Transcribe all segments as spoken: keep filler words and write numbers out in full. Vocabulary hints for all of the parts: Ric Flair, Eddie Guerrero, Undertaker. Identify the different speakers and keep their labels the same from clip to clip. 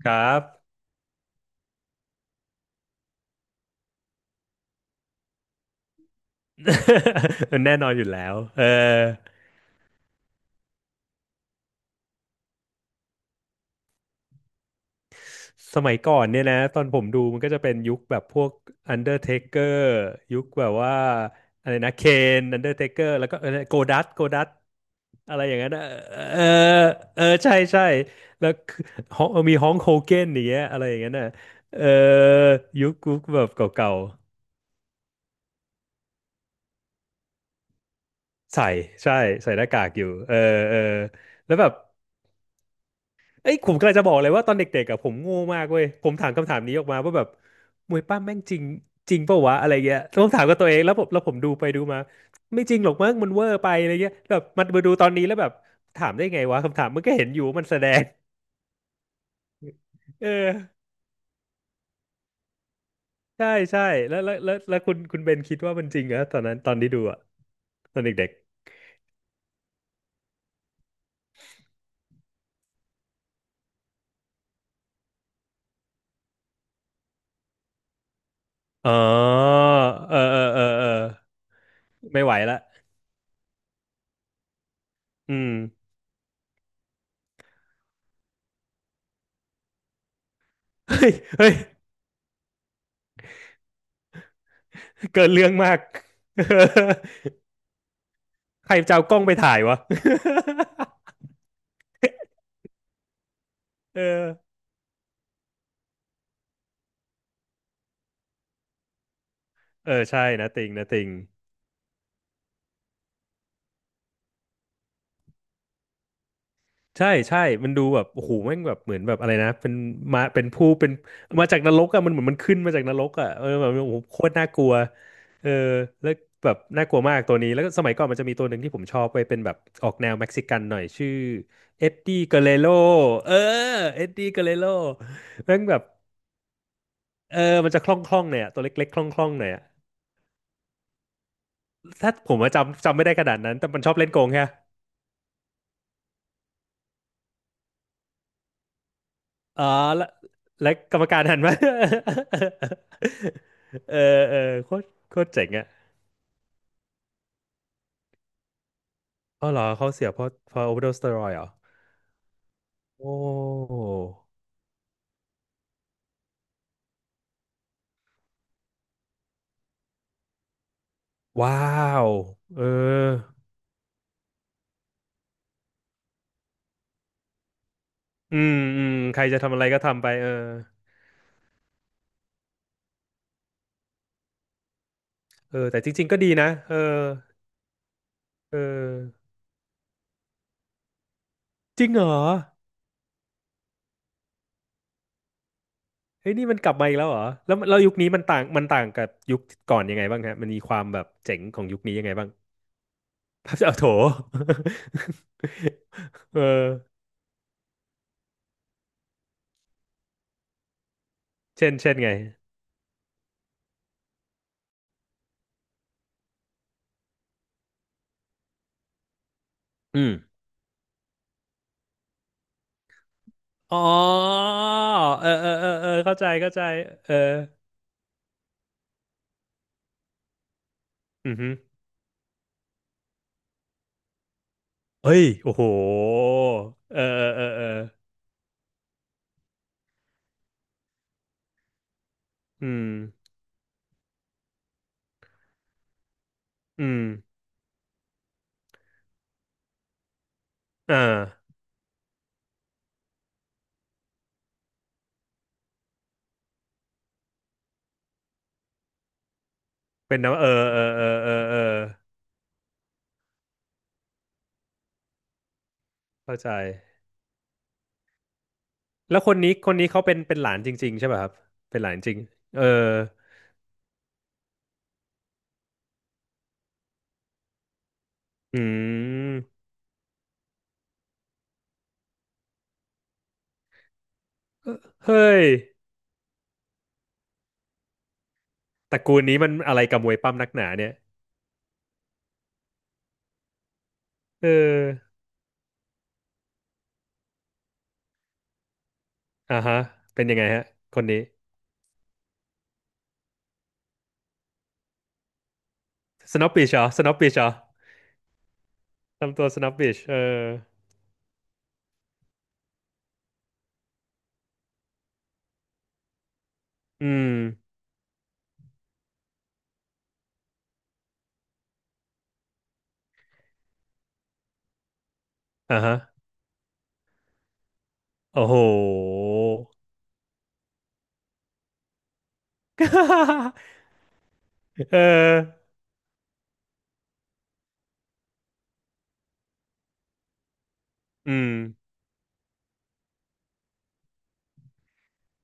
Speaker 1: ครับ แน่นอนอยู่แล้วเออสมัยก่อนเนี่ยนะตอนผมดูมันก็จะเป็นยุคแบบพวก Undertaker ยุคแบบว่าอะไรนะเคน Undertaker แล้วก็โกดัตโกดัตอะไรอย่างนั้นนะเออ เออใช่ใช่แล้ว คือฮองมีฮองโฮเกนอย่างเงี้ยอะไรอย่างนั้นนะเออยุคยุคแบบเก่าๆใส่ใช่ใส่หน้ากากอยู่เออเออแล้วแบบ เอ้ยผมกำลังจะบอกเลยว่าตอนเด็กๆอะผมโง่มากเว้ยผมถามคำถามนี้ออกมาว่าแบบมวยปั้มแม่งจริงจริงเปล่าวะอะไรเงี้ยต้องถามกับตัวเองแล้วผมแล้วผมดูไปดูมาไม่จริงหรอกมั้งมันเวอร์ไปอะไรเงี้ยแบบมันมาดูตอนนี้แล้วแบบถามได้ไงวะคำถามมันก็เห็นอยู่ว่ามันแสดงเออใช่ใช่แล้วแล้วแล้วแล้วคุณคุณเบนคิดว่ามันจริงเหรอตอนนั้นตอนที่ดูอะตอนเด็กๆอ๋อเออเออเออเออไม่ไหวละอืมเฮ้ยเฮ้ยเกินเรื่องมาก ใครจะเอากล้องไปถ่ายวะ เออเออใช่นะติงนะติงใช่ใช่มันดูแบบโอ้โหแม่งแบบเหมือนแบบอะไรนะเป็นมาเป็นผู้เป็นมาจากนรกอะมันเหมือนมันขึ้นมาจากนรกอะเออแบบโอ้โหโคตรน่ากลัวเออแล้วแบบน่ากลัวมากตัวนี้แล้วก็สมัยก่อนมันจะมีตัวหนึ่งที่ผมชอบไปเป็นแบบออกแนวเม็กซิกันหน่อยชื่อเอ็ดดี้เกเรโลเออเอ็ดดี้เกเรโลแม่งแบบเออมันจะคล่องๆหน่อยอะตัวเล็กๆคล่องๆหน่อยอะถ้าผมว่าจำจำไม่ได้ขนาดนั้นแต่มันชอบเล่นโกงแค่ อ๋อแล้วและกรรมการหันมา เออเออโคตรโคตรเจ๋งอ่ะอ๋อเหรอเขาเสียเพราะเพราะโอเวอร์โดสเตียรอยด์เหรอโอ้ว้าวเอออืมอืมใครจะทำอะไรก็ทำไปเออเออแต่จริงๆก็ดีนะเออเออจริงเหรอเฮ้ยนี่มันกลับมาอีกแล้วเหรอแล้วแล้วยุคนี้มันต่างมันต่างกับยุคก่อนยังไงบ้างฮะมันมีความแบบเจ๋งของยุคนี้ยังไงบ้างพระ เจ้าโถ เออ เช่นเช่นไงอืมอ๋อเออเออเออเออเข้าใจเข้าใจเอออือฮึเฮ้ยโอ้โหเออเออเออเอออืมอืมอ่าเป็นนะเออเออเออเออเออเข้าใจแล้วคนนี้คนนี้เขาเป็นเป็นหลานจริงๆใช่ป่ะครับเป็นหลานจริงเอออืมเฮ้ยตระกูลนี้มันอะไรกับมวยปั้มนักหนาเนี่ยเอออ่าฮะเป็นยังไงฮะคนนี้สโนว์บิชเหรอสโนว์บิชเหรอทำตัวสโนว์บิชเออ อืมอ่าฮะโอ้โห เอออืม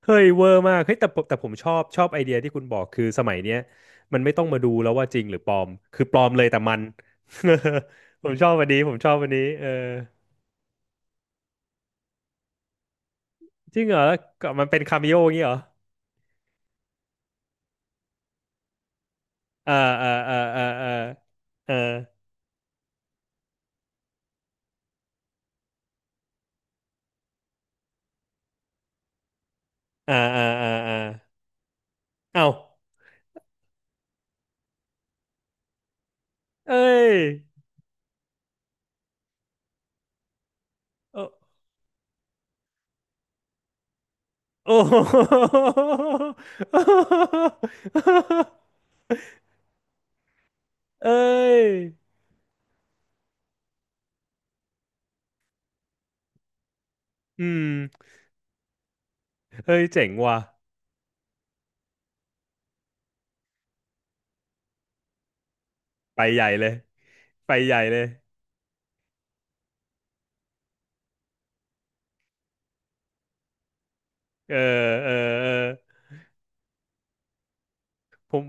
Speaker 1: เฮ้ยเวอร์มากเฮ้ยแต่ผมแต่ผมชอบชอบไอเดียที่คุณบอกคือสมัยเนี้ยมันไม่ต้องมาดูแล้วว่าจริงหรือปลอมคือปลอมเลยแต่มัน ผมชอบวันนี้ผมชอบวันนี้เออจริงเหรอแล้วก็มันเป็นคาเมโออย่างงี้เหรอเออเออเออเออเออเออเออเออเออเออเอ้าเอ้ยโอ้โอ้ เอ้ยอืมเฮ้ยเจ๋งว่ะ ไปใหญ่เลย ไปใหญ่เลย เออเออเออผม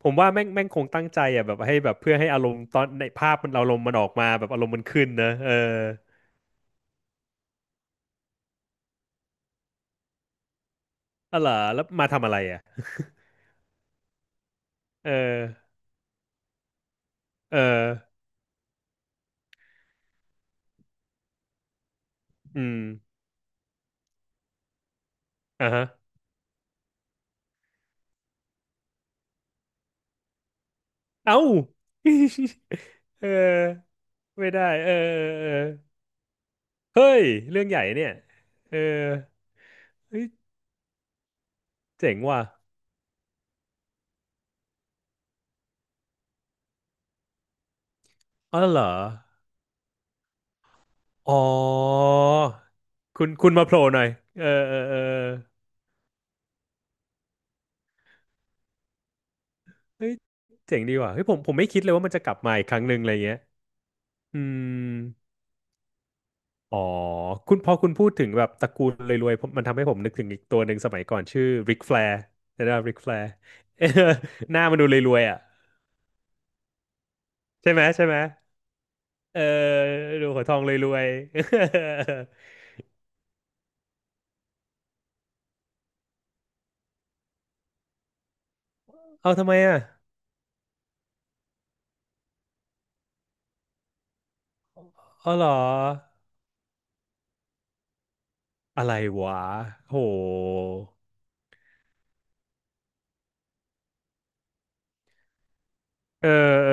Speaker 1: ผมว่าแม่งแม่งคงตั้งใจอ่ะแบบให้แบบเพื่อให้อารมณ์ตอนในภาพมันอารมณ์มันออกมาแบบอารมณ์มันขึ้นนะ เอออะเหรอแล้วมาทำอะไรอ่ะเออเอออืมอ่ะฮะเอ้า เออไม่ได้เออเออเออเฮ้ยเรื่องใหญ่เนี่ยเออเฮ้ยเจ๋งว่ะอ๋อเหรอ อ๋อ คุณคุณมาโผล่หน่อย เออเออเออเฮ้ยเจ๋งดีว่ะเฮ้ยผมผมไม่คิดเลยว่ามันจะกลับมาอีกครั้งหนึ่งอะไรเงี้ยอืมอ๋อคุณพอคุณพูดถึงแบบตระกูลรวยๆผมมันทำให้ผมนึกถึงอีกตัวหนึ่งสมัยก่อนชื่อริกแฟร์นะครัริกแฟร์ หน้ามันดูรวยๆอ่ะใช่ไหมใช่ไหม เออดูหัวทองรวยๆ เอาทำไมอ่ะอ๋อเหรอ อะไรวะโหเออเออ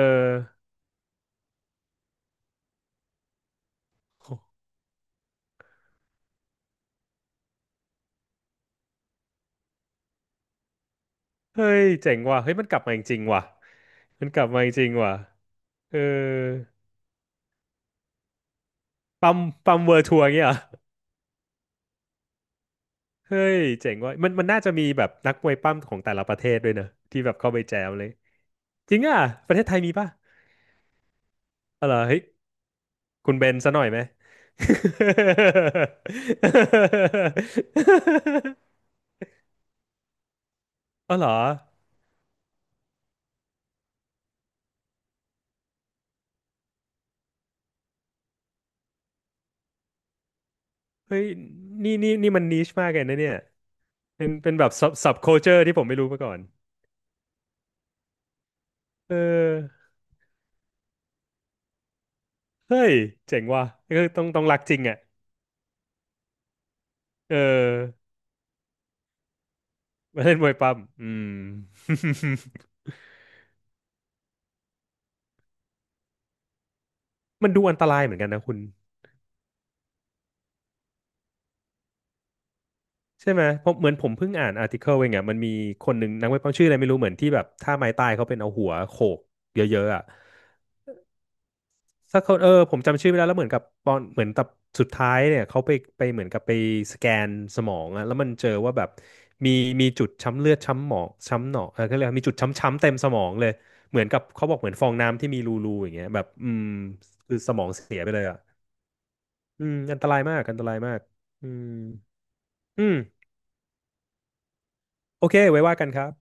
Speaker 1: เฮ้ยเจ๋งว่ะเฮ้ยมันกลับมาจริงๆว่ะมันกลับมาจริงๆว่ะเออปั๊มปั๊มเวิร์ทัวร์เงี้ยเหรอเฮ้ยเจ๋งว่ะมันมันน่าจะมีแบบนักมวยปั้มของแต่ละประเทศด้วยเนอะที่แบบเข้าไปแจมเลยจริงอ่ะประเทศไทยมีป่ะเอาเหรอเฮ้ยคุณเบนซะหน่อยไหม เอา เหรอเฮ้ยนี่นี่นี่มันนิชมากเลยนะเนี่ยเป็นเป็นแบบ sub sub culture ที่ผมไม่รู้มาก่อนเออเฮ้ยเจ๋งว่ะก็คือต้องต้องรักจริงอ่ะ เออมาเล่นมวยปั้มอืม มันดูอันตรายเหมือนกันนะคุณใช่ไหมเพราะเหมือนผมเพิ่งอ่านอาร์ติเคิลเองอ่ะมันมีคนหนึ่งนักมวยปั้มชื่ออะไรไม่รู้เหมือนที่แบบท่าไม้ตายเขาเป็นเอาหัวโขกเยอะๆอ่ะสักคนเออผมจำชื่อไม่ได้แล้วเหมือนกับตอนเหมือนตับสุดท้ายเนี่ยเขาไปไปเหมือนกับไปสแกนสมองอ่ะแล้วมันเจอว่าแบบมีมีจุดช้ำเลือดช้ำหมองช้ำหนองเออก็เลยกว่ามีจุดช้ำๆเต็มสมองเลยเหมือนกับเขาบอกเหมือนฟองน้ำที่มีรูๆอย่างเงี้ยแบบอืมคือสมองเสียไปเลยอ่ะ อืมอันตรายมากอันตรายมากอืมอืมโอเคไว้ว่ากันครับ